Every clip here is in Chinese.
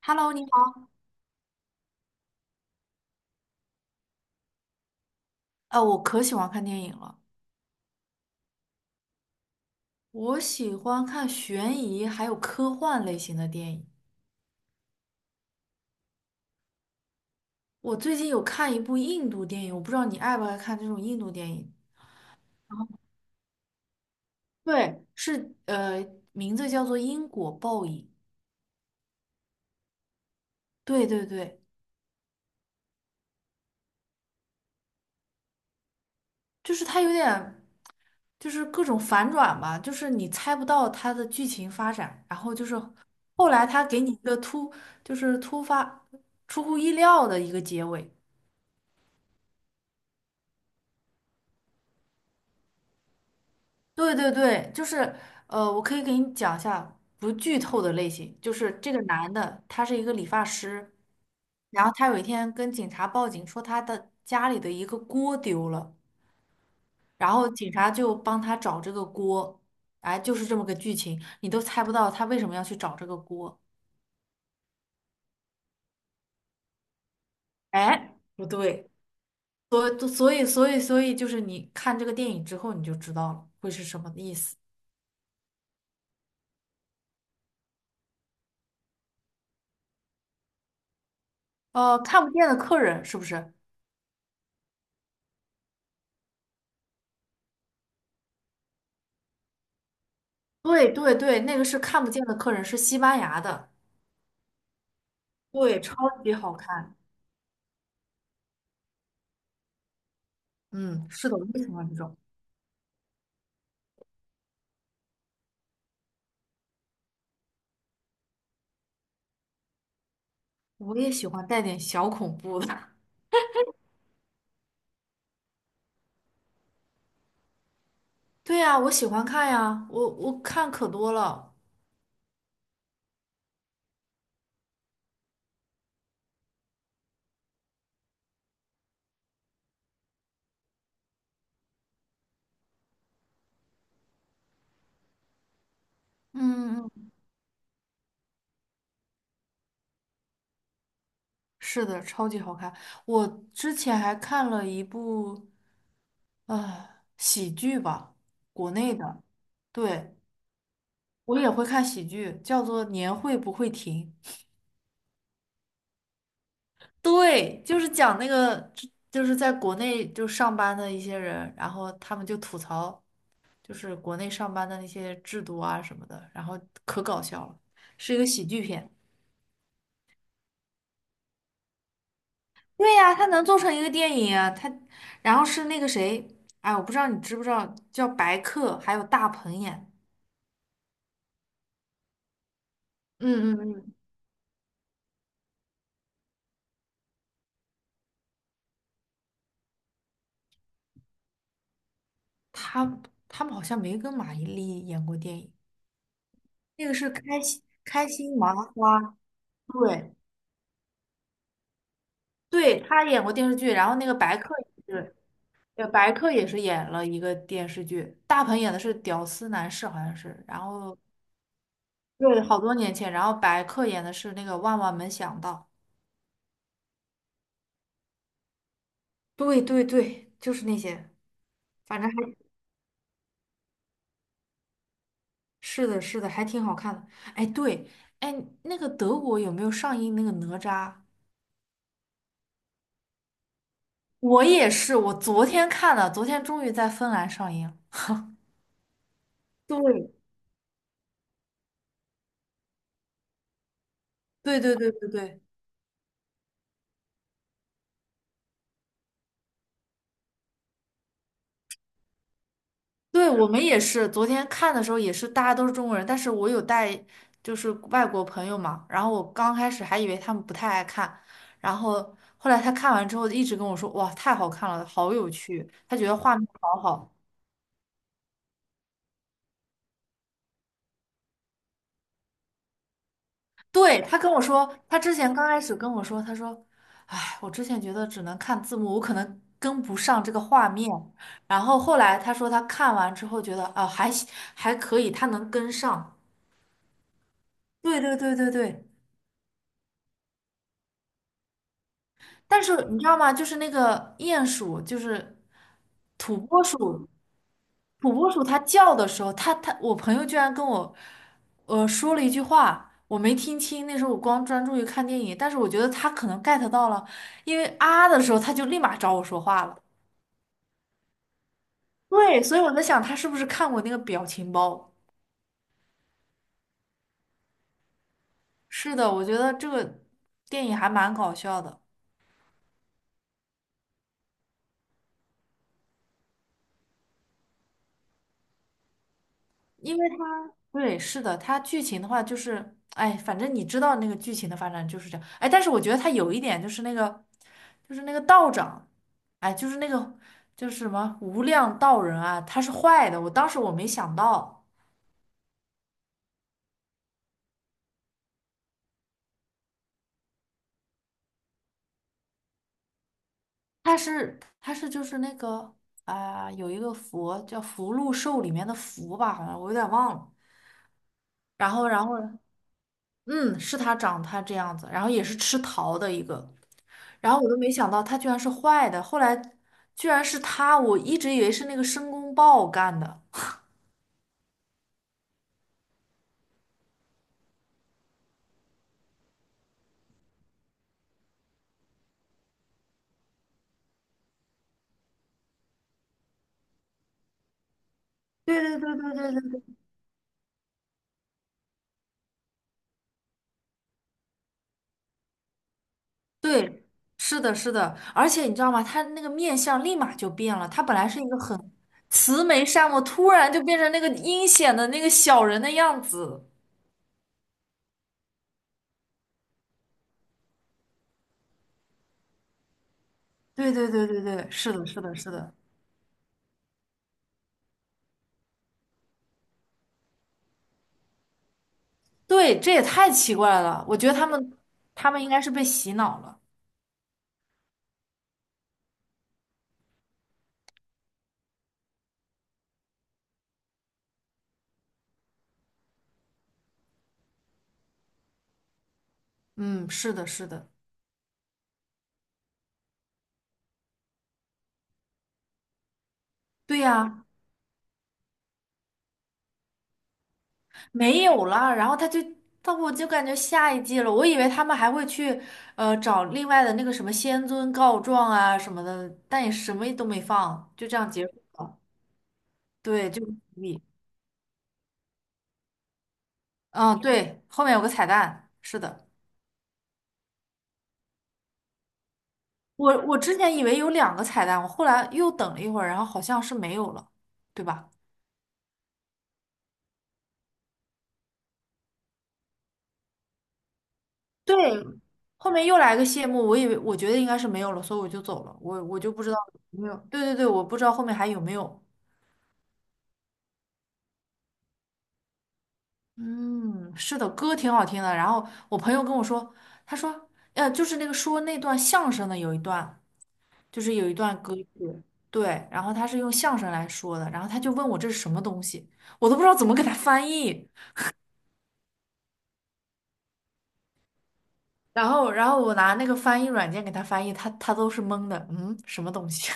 Hello，你好。我可喜欢看电影了，我喜欢看悬疑还有科幻类型的电影。我最近有看一部印度电影，我不知道你爱不爱看这种印度电影。对，是名字叫做《因果报应》。对对对，就是它有点就是各种反转吧，就是你猜不到它的剧情发展，然后就是后来它给你一个突，就是突发出乎意料的一个结尾。对对对，就是,我可以给你讲一下不剧透的类型，就是这个男的他是一个理发师，然后他有一天跟警察报警说他的家里的一个锅丢了，然后警察就帮他找这个锅，哎，就是这么个剧情，你都猜不到他为什么要去找这个锅，哎，不对，所以就是你看这个电影之后你就知道了会是什么意思，看不见的客人是不是？对对对，那个是看不见的客人，是西班牙的，对，超级好看。嗯，是的，我也喜欢这种，我也喜欢带点小恐怖的。对呀，我喜欢看呀，我看可多了。嗯嗯，是的，超级好看。我之前还看了一部呃喜剧吧，国内的，对，我也会看喜剧，叫做《年会不会停》。对，就是讲那个，就是在国内就上班的一些人，然后他们就吐槽，就是国内上班的那些制度啊什么的，然后可搞笑了，是一个喜剧片。对呀，他能做成一个电影啊，他，然后是那个谁，哎，我不知道你知不知道，叫白客，还有大鹏演，嗯嗯嗯，他他们好像没跟马伊琍演过电影。那个是开心麻花，对，对，他演过电视剧，然后那个白客也是。对，白客也是演了一个电视剧，大鹏演的是屌丝男士，好像是，然后对，好多年前，然后白客演的是那个万万没想到，对对对，就是那些，反正,是的，是的，还挺好看的。哎，对，哎，那个德国有没有上映那个哪吒？我也是，我昨天看的，昨天终于在芬兰上映。对，对对对对对，对，我们也是，昨天看的时候也是，大家都是中国人，但是我有带就是外国朋友嘛，然后我刚开始还以为他们不太爱看，然后后来他看完之后一直跟我说，哇，太好看了，好有趣，他觉得画面好好。对，他跟我说，他之前刚开始跟我说，他说，哎，我之前觉得只能看字幕，我可能跟不上这个画面，然后后来他说他看完之后觉得啊，还可以，他能跟上。对对对对对，但是你知道吗？就是那个鼹鼠，就是土拨鼠，土拨鼠它叫的时候，它，我朋友居然跟我，说了一句话，我没听清，那时候我光专注于看电影，但是我觉得它可能 get 到了，因为啊的时候，它就立马找我说话了。对，所以我在想，他是不是看过那个表情包？是的，我觉得这个电影还蛮搞笑的。因为他对，是的，他剧情的话就是，哎，反正你知道那个剧情的发展就是这样，哎，但是我觉得他有一点就是那个，就是那个道长，哎，就是那个就是什么无量道人啊，他是坏的，我当时,我没想到，他是就是那个啊、有一个佛叫福禄寿里面的福吧，好像我有点忘了，然后,嗯，是他长他这样子，然后也是吃桃的一个。然后我都没想到他居然是坏的，后来居然是他，我一直以为是那个申公豹干的。对对对对对对，对，是的，是的，而且你知道吗？他那个面相立马就变了，他本来是一个很慈眉善目，突然就变成那个阴险的那个小人的样子。对对对对对，是的，是的，是的，对，这也太奇怪了。我觉得他们他们应该是被洗脑了。嗯，是的，是的，对呀、没有了，然后他就，我就感觉下一季了，我以为他们还会去，找另外的那个什么仙尊告状啊什么的，但也什么都没放，就这样结束。对，就嗯，对，后面有个彩蛋，是的，我之前以为有两个彩蛋，我后来又等了一会儿，然后好像是没有了，对吧？对，后面又来个谢幕，我以为我觉得应该是没有了，所以我就走了，我就不知道有没有，对对对，我不知道后面还有没有。嗯，是的，歌挺好听的。然后我朋友跟我说，他说，就是那个说那段相声的有一段，就是有一段歌曲，对，然后他是用相声来说的，然后他就问我这是什么东西，我都不知道怎么给他翻译。然后,我拿那个翻译软件给他翻译，他都是懵的，嗯，什么东西？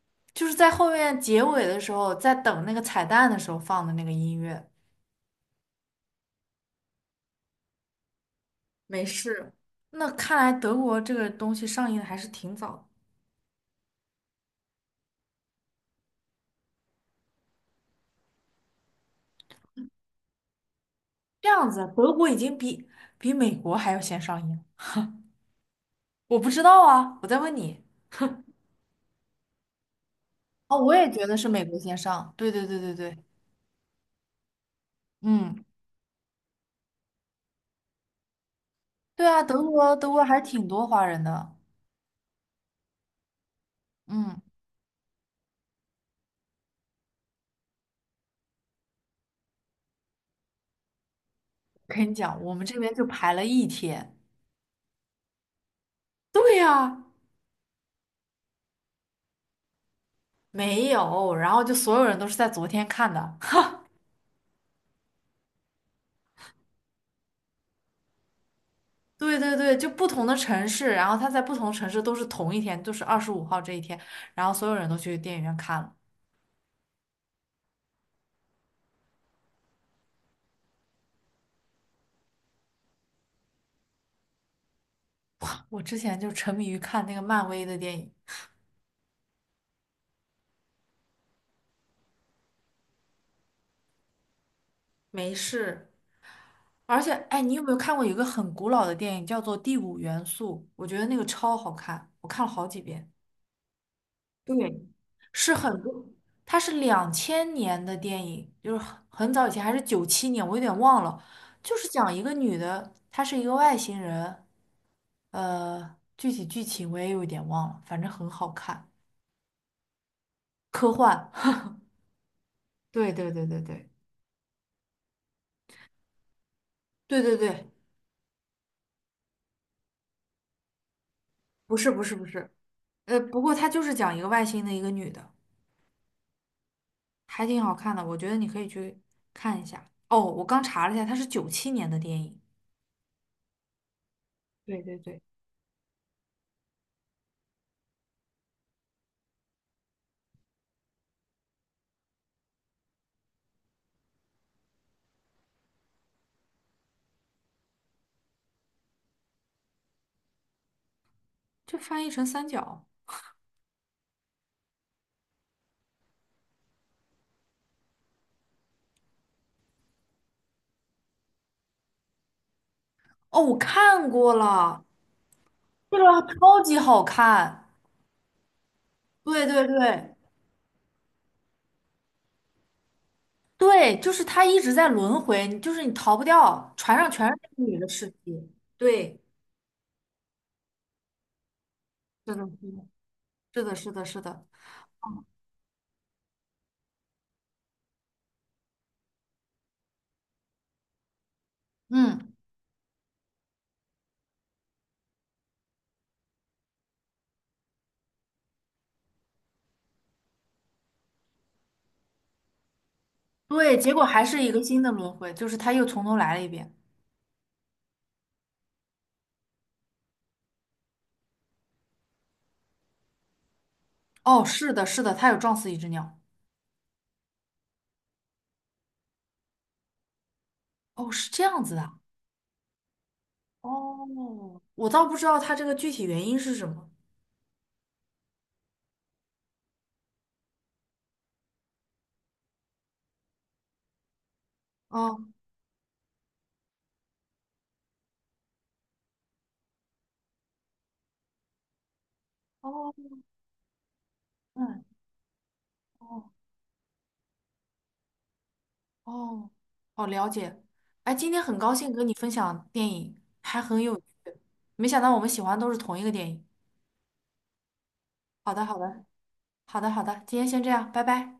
就是在后面结尾的时候，在等那个彩蛋的时候放的那个音乐。没事，那看来德国这个东西上映的还是挺早的这样子，德国已经比美国还要先上映。我不知道啊，我在问你。哦，我也觉得是美国先上。对对对对对，嗯，对啊，德国还挺多华人的。嗯，跟你讲，我们这边就排了一天。对呀，没有，然后就所有人都是在昨天看的。对对对，就不同的城市，然后他在不同城市都是同一天，就是25号这一天，然后所有人都去电影院看了。我之前就沉迷于看那个漫威的电影，没事。而且，哎，你有没有看过一个很古老的电影，叫做《第五元素》？我觉得那个超好看，我看了好几遍。对，是很多，它是2000年的电影，就是很早以前，还是九七年，我有点忘了。就是讲一个女的，她是一个外星人，具体剧情我也有点忘了，反正很好看，科幻。对对对对对，对对对，不是，不过它就是讲一个外星的一个女的。还挺好看的，我觉得你可以去看一下。哦，我刚查了一下，它是九七年的电影，对对对，就翻译成三角。哦，我看过了，这个超级好看，对对对对，就是他一直在轮回，你就是你逃不掉，船上全是那个女的尸体。对，是的，是的，是的，是的，是的。嗯，对，结果还是一个新的轮回，就是他又从头来了一遍。哦，是的，是的，他有撞死一只鸟。哦，是这样子的。哦，我倒不知道它这个具体原因是什么。哦哦，嗯，哦哦哦，了解。哎，今天很高兴跟你分享电影，还很有趣。没想到我们喜欢都是同一个电影。好的，好的，好的，好的，今天先这样，拜拜。